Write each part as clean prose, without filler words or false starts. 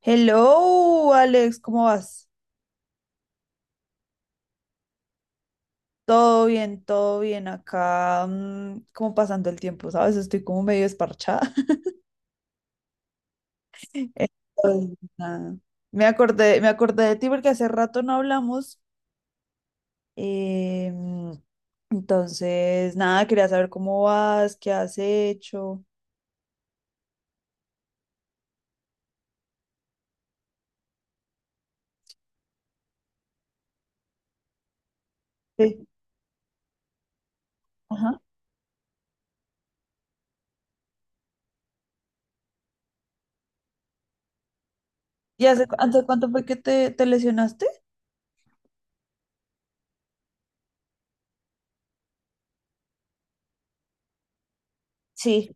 Hello, Alex, ¿cómo vas? Todo bien acá, como pasando el tiempo, ¿sabes? Estoy como medio desparchada. Entonces, nada. Me acordé de ti porque hace rato no hablamos. eh, entonces, nada, quería saber cómo vas, qué has hecho. Sí. Ajá. ¿Y hace, hace cuánto fue que te lesionaste? Sí,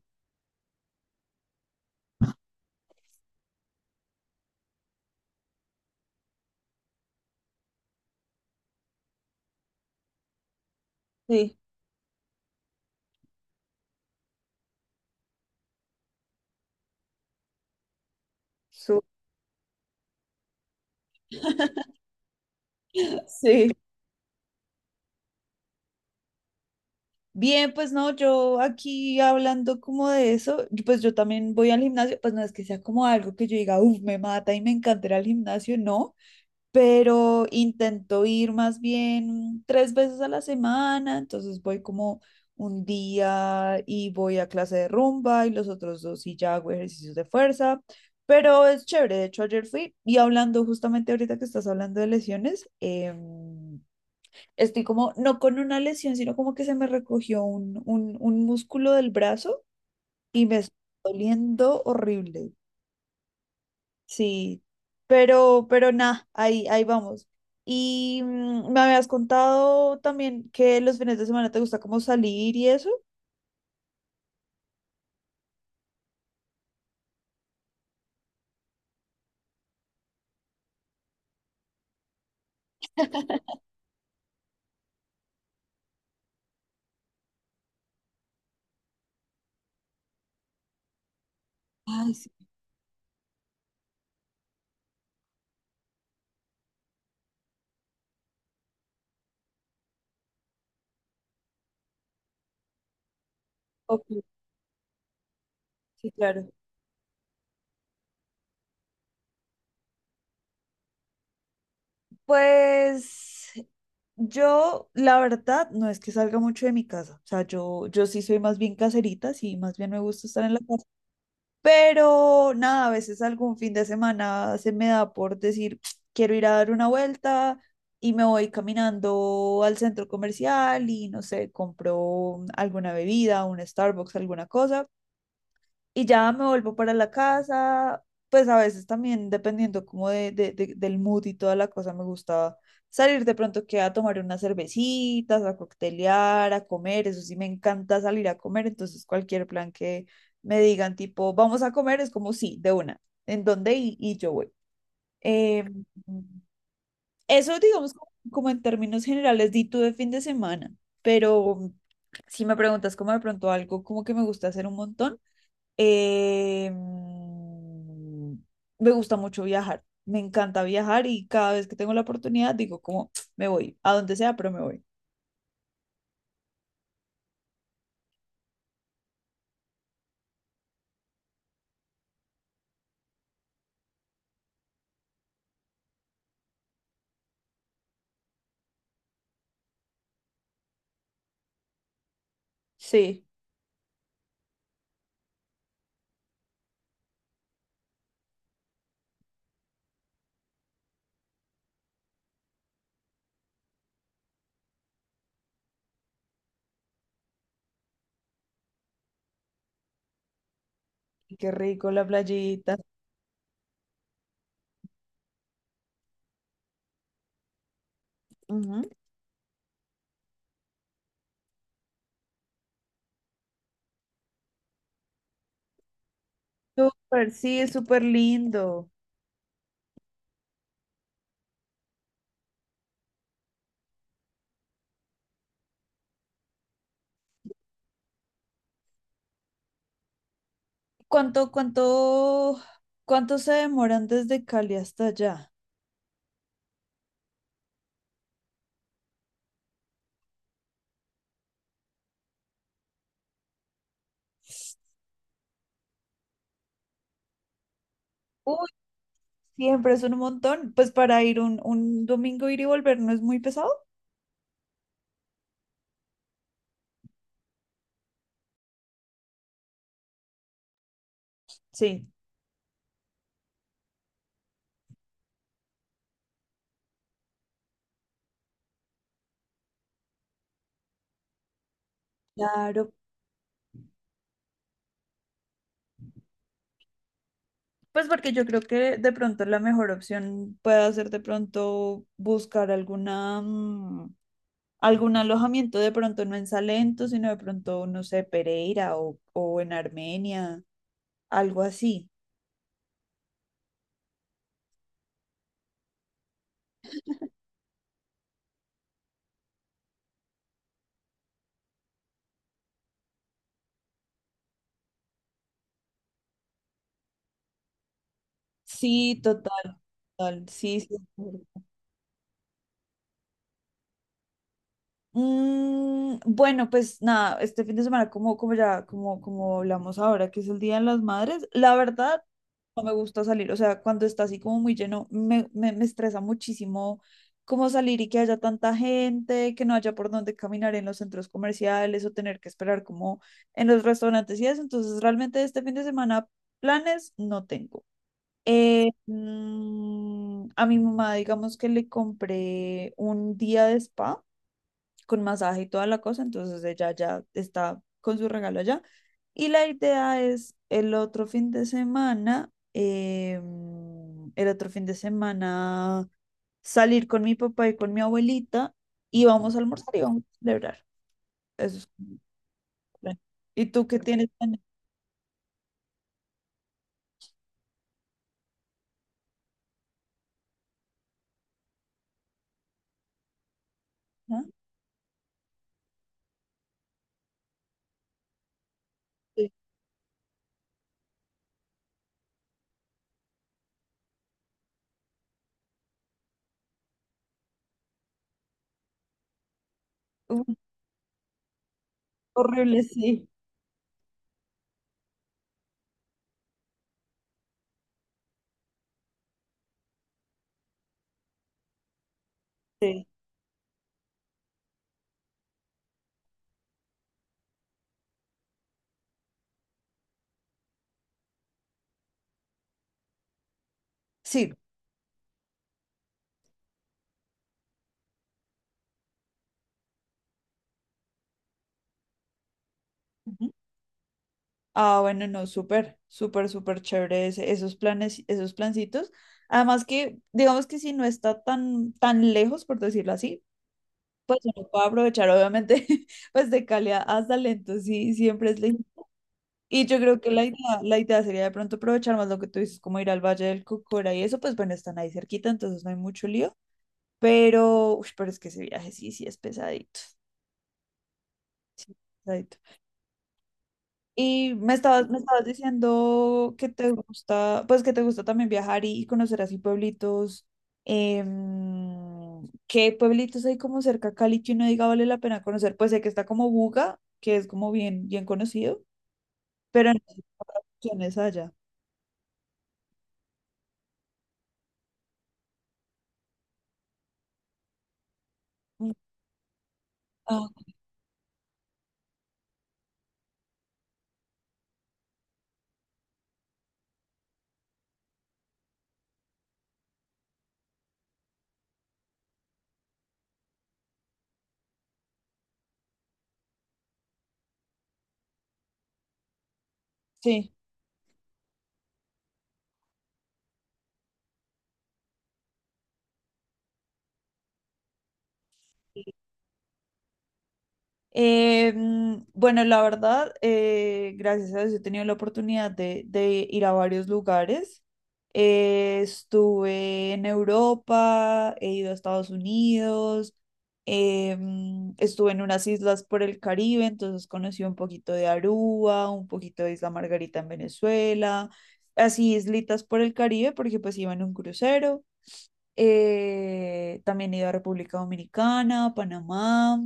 sí. Su- Sí. Bien, pues no, yo aquí hablando como de eso, y pues yo también voy al gimnasio, pues no es que sea como algo que yo diga, uff, me mata y me encantará el gimnasio, no, pero intento ir más bien tres veces a la semana, entonces voy como un día y voy a clase de rumba y los otros dos y ya hago ejercicios de fuerza, pero es chévere, de hecho ayer fui y hablando justamente ahorita que estás hablando de lesiones, estoy como, no con una lesión, sino como que se me recogió un músculo del brazo y me está doliendo horrible. Sí, pero nada, ahí vamos. Y me habías contado también que los fines de semana te gusta como salir y eso. Ay, sí, ok, sí, claro. Pues yo, la verdad, no es que salga mucho de mi casa. O sea, yo sí soy más bien caserita, sí, más bien me gusta estar en la casa. Pero nada, a veces algún fin de semana se me da por decir, quiero ir a dar una vuelta y me voy caminando al centro comercial y no sé, compro alguna bebida, un Starbucks, alguna cosa y ya me vuelvo para la casa, pues a veces también dependiendo como del mood y toda la cosa, me gusta salir de pronto que a tomar unas cervecitas, a coctelear, a comer, eso sí me encanta salir a comer, entonces cualquier plan que me digan tipo, vamos a comer, es como sí, de una, ¿en dónde? Y yo voy. Eh, eso digamos como, como en términos generales, di tú de fin de semana, pero si me preguntas como de pronto algo como que me gusta hacer un montón, eh, mm, me gusta mucho viajar, me encanta viajar y cada vez que tengo la oportunidad digo como me voy, a donde sea, pero me voy. Sí. Y qué rico la playita. Ujú. Súper, sí, es súper lindo. ¿Cuánto, cuánto, cuánto se demoran desde Cali hasta allá? Uy, siempre es un montón. Pues para ir un domingo ir y volver no es muy pesado. Sí. Claro, pues porque yo creo que de pronto la mejor opción puede ser de pronto buscar alguna, algún alojamiento, de pronto no en Salento, sino de pronto, no sé, Pereira o en Armenia, algo así. Sí, total, total, sí, sí. Bueno, pues nada, este fin de semana, como, como ya, como, como hablamos ahora, que es el Día de las Madres, la verdad no me gusta salir, o sea, cuando está así como muy lleno, me estresa muchísimo como salir y que haya tanta gente, que no haya por dónde caminar en los centros comerciales o tener que esperar como en los restaurantes y eso, entonces realmente este fin de semana planes no tengo. A mi mamá, digamos que le compré un día de spa con masaje y toda la cosa, entonces ella ya está con su regalo allá. Y la idea es el otro fin de semana, el otro fin de semana salir con mi papá y con mi abuelita y vamos a almorzar y vamos a celebrar. Eso es como plan. ¿Y tú qué tienes planeado? Ah, sí. Uy, horrible, sí. Sí. Sí. Ah, bueno, no, súper, súper, súper chévere esos planes, esos plancitos. Además que, digamos que si no está tan, tan lejos, por decirlo así, pues uno puede aprovechar, obviamente, pues de Cali a Salento, sí, siempre es lejos. Y yo creo que la idea sería de pronto aprovechar más lo que tú dices, como ir al Valle del Cocora y eso, pues bueno, están ahí cerquita, entonces no hay mucho lío. Pero, uy, pero es que ese viaje sí, sí es pesadito. Sí es pesadito. Y me estabas diciendo que te gusta, pues que te gusta también viajar y conocer así pueblitos. ¿Qué pueblitos hay como cerca a Cali que uno diga vale la pena conocer? Pues sé que está como Buga, que es como bien, bien conocido, pero no hay otras opciones allá. Mm, ah, sí. Bueno, la verdad, gracias a Dios he tenido la oportunidad de ir a varios lugares. Estuve en Europa, he ido a Estados Unidos, estuve en unas islas por el Caribe, entonces conocí un poquito de Aruba, un poquito de Isla Margarita en Venezuela, así islitas por el Caribe porque pues iba en un crucero. También he ido a República Dominicana, Panamá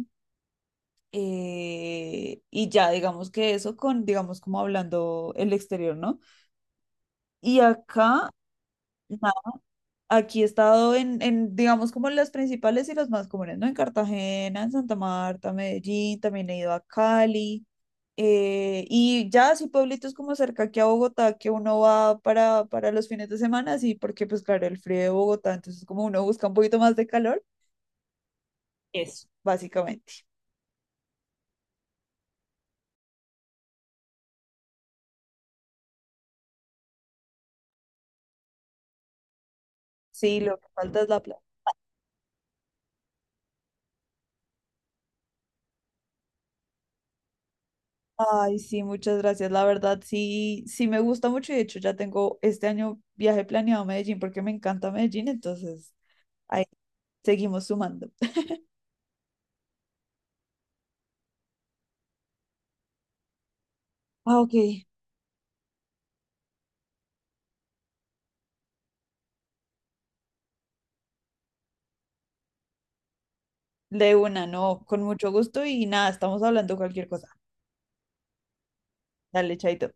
y ya, digamos que eso con, digamos, como hablando el exterior, ¿no? Y acá, nada, aquí he estado en, digamos, como las principales y las más comunes, ¿no? En Cartagena, en Santa Marta, Medellín, también he ido a Cali. Y ya así pueblitos como cerca aquí a Bogotá que uno va para los fines de semana, sí, porque pues claro, el frío de Bogotá, entonces como uno busca un poquito más de calor, eso, básicamente. Sí, lo que falta es la plata. Ay, sí, muchas gracias. La verdad, sí, sí me gusta mucho y de hecho ya tengo este año viaje planeado a Medellín porque me encanta Medellín, entonces ahí seguimos sumando. Ah, ok. De una, no, con mucho gusto y nada, estamos hablando cualquier cosa. Dale, chaito.